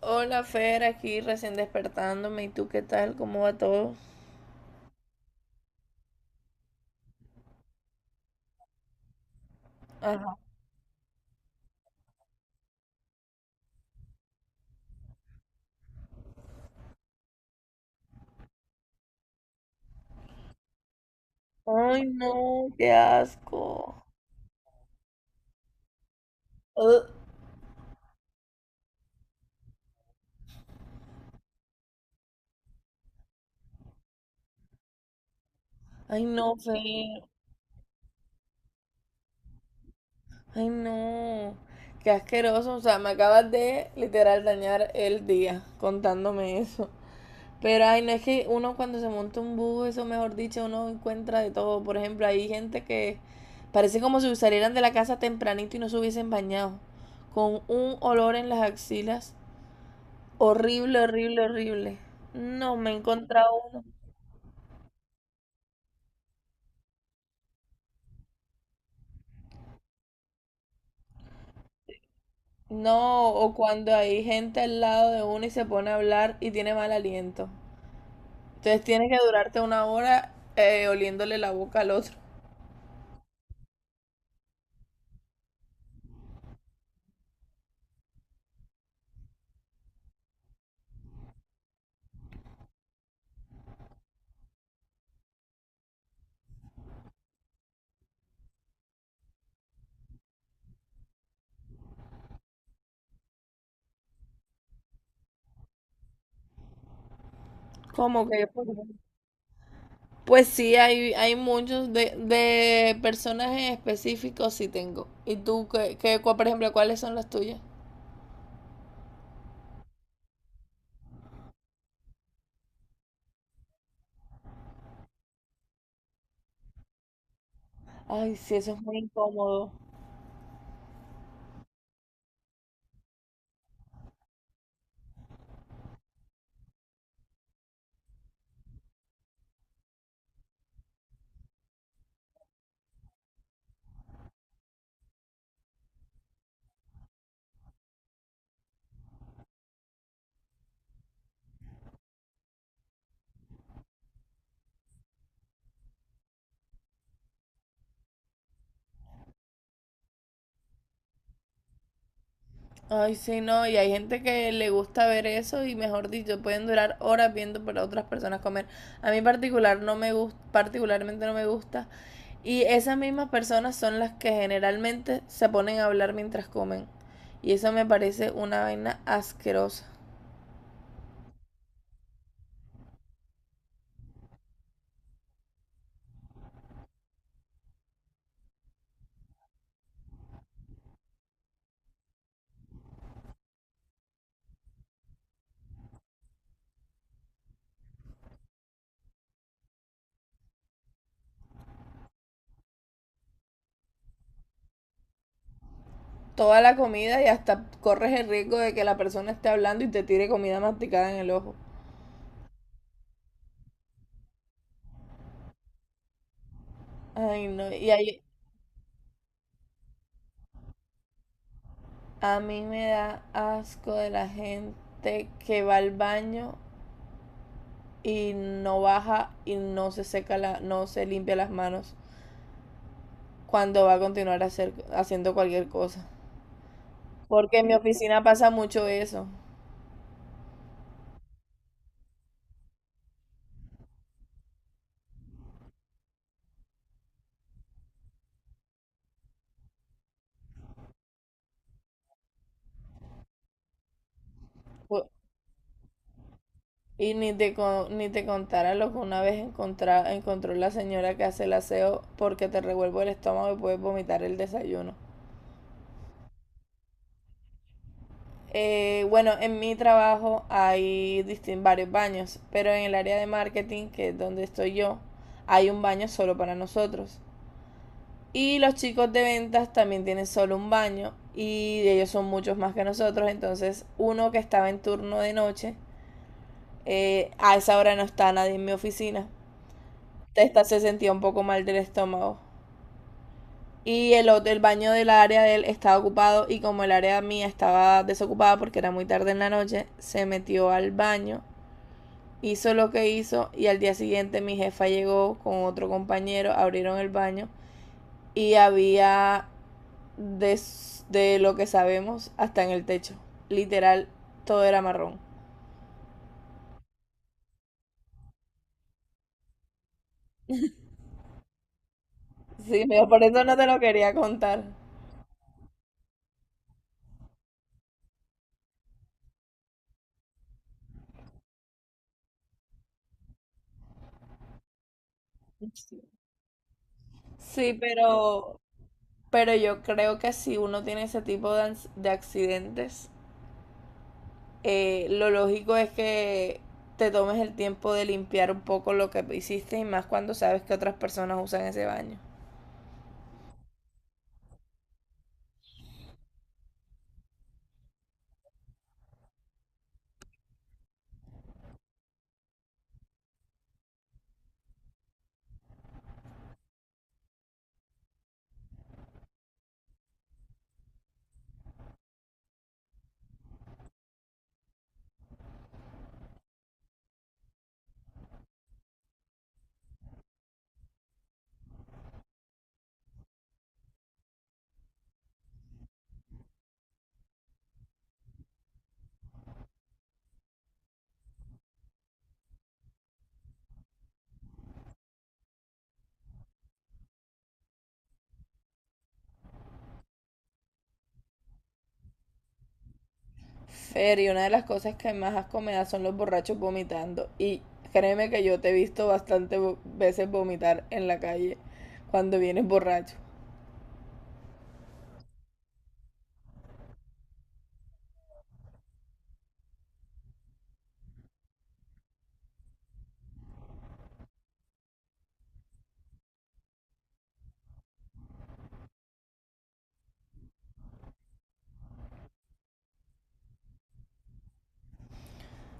Hola Fer, aquí recién despertándome. ¿Y tú qué tal? ¿Cómo va todo? Ajá. Ay, no, qué asco. Ugh. Ay, no, Fer. Ay, no. Qué asqueroso. O sea, me acabas de literal dañar el día contándome eso. Pero, ay, no es que uno cuando se monta un bus, eso mejor dicho, uno encuentra de todo. Por ejemplo, hay gente que parece como si salieran de la casa tempranito y no se hubiesen bañado. Con un olor en las axilas. Horrible, horrible, horrible. No, me he encontrado uno. No, o cuando hay gente al lado de uno y se pone a hablar y tiene mal aliento. Entonces tienes que durarte una hora oliéndole la boca al otro. Como que... Pues sí, hay muchos de personajes específicos sí tengo. ¿Y tú, por ejemplo, cuáles son las tuyas? Ay, sí, eso es muy incómodo. Ay, sí, no, y hay gente que le gusta ver eso y mejor dicho, pueden durar horas viendo para otras personas comer. A mí particular no me gusta, particularmente no me gusta. Y esas mismas personas son las que generalmente se ponen a hablar mientras comen. Y eso me parece una vaina asquerosa. Toda la comida y hasta corres el riesgo de que la persona esté hablando y te tire comida masticada en el ojo. Ay, no, y ahí a mí me da asco de la gente que va al baño y no baja y no se seca no se limpia las manos cuando va a haciendo cualquier cosa. Porque en mi oficina pasa mucho eso. Pu- Y ni te contara lo que una vez encontró la señora que hace el aseo porque te revuelvo el estómago y puedes vomitar el desayuno. Bueno, en mi trabajo hay varios baños, pero en el área de marketing, que es donde estoy yo, hay un baño solo para nosotros. Y los chicos de ventas también tienen solo un baño y ellos son muchos más que nosotros. Entonces, uno que estaba en turno de noche, a esa hora no está nadie en mi oficina. Esta se sentía un poco mal del estómago. Y el baño del área de él estaba ocupado y como el área mía estaba desocupada porque era muy tarde en la noche, se metió al baño, hizo lo que hizo y al día siguiente mi jefa llegó con otro compañero, abrieron el baño y había de, de lo que sabemos hasta en el techo. Literal, todo era marrón. Sí, mira, por eso no te lo quería contar. Sí, pero yo creo que si uno tiene ese tipo de, de accidentes, lo lógico es que te tomes el tiempo de limpiar un poco lo que hiciste y más cuando sabes que otras personas usan ese baño. Fer, y una de las cosas que más asco me da son los borrachos vomitando. Y créeme que yo te he visto bastantes veces vomitar en la calle cuando vienes borracho.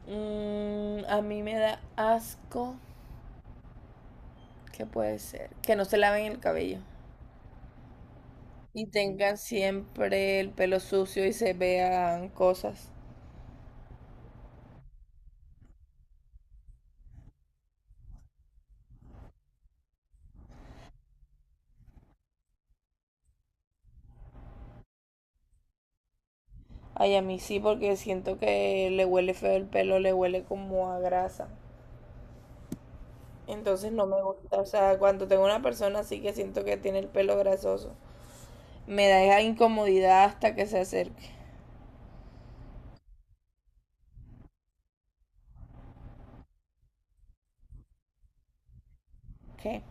Mm, a mí me da asco, ¿qué puede ser? Que no se laven el cabello y tengan siempre el pelo sucio y se vean cosas. Ay, a mí sí, porque siento que le huele feo el pelo, le huele como a grasa. Entonces no me gusta, o sea, cuando tengo una persona así que siento que tiene el pelo grasoso. Me da esa incomodidad hasta que se acerque. Ok.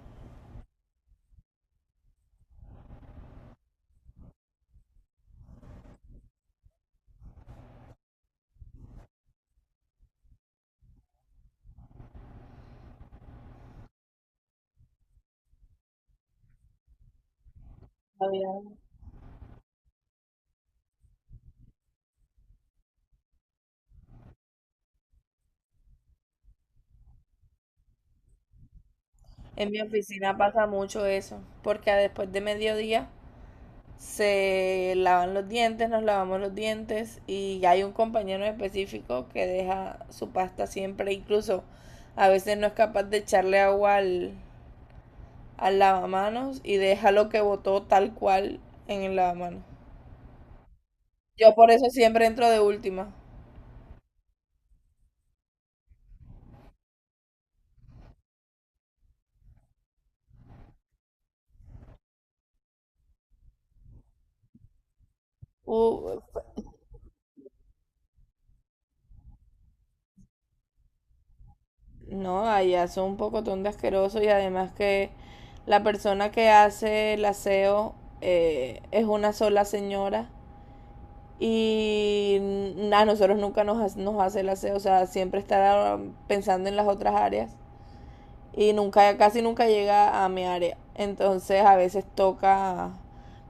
En mi oficina pasa mucho eso, porque después de mediodía se lavan los dientes, nos lavamos los dientes y hay un compañero en específico que deja su pasta siempre, incluso a veces no es capaz de echarle agua al lavamanos y deja lo que botó tal cual en el lavamanos. Yo por eso siempre entro de última. Uh, No, allá son un pocotón de asqueroso y además que la persona que hace el aseo es una sola señora y a nosotros nunca nos hace el aseo, o sea, siempre está pensando en las otras áreas y nunca, casi nunca llega a mi área. Entonces a veces toca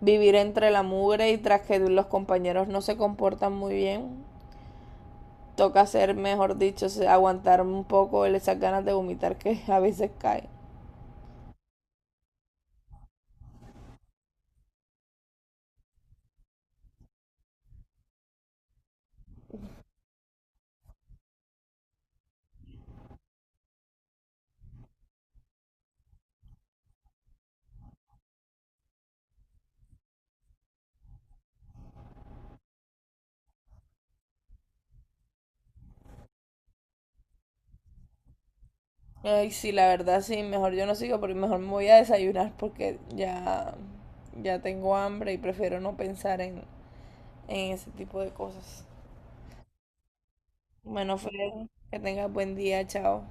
vivir entre la mugre y tras que los compañeros no se comportan muy bien, toca hacer, mejor dicho, aguantar un poco esas ganas de vomitar que a veces caen. Ay, sí, la verdad, sí, mejor yo no sigo, porque mejor me voy a desayunar porque ya, ya tengo hambre y prefiero no pensar en ese tipo de cosas. Bueno, Fred, que tengas buen día, chao.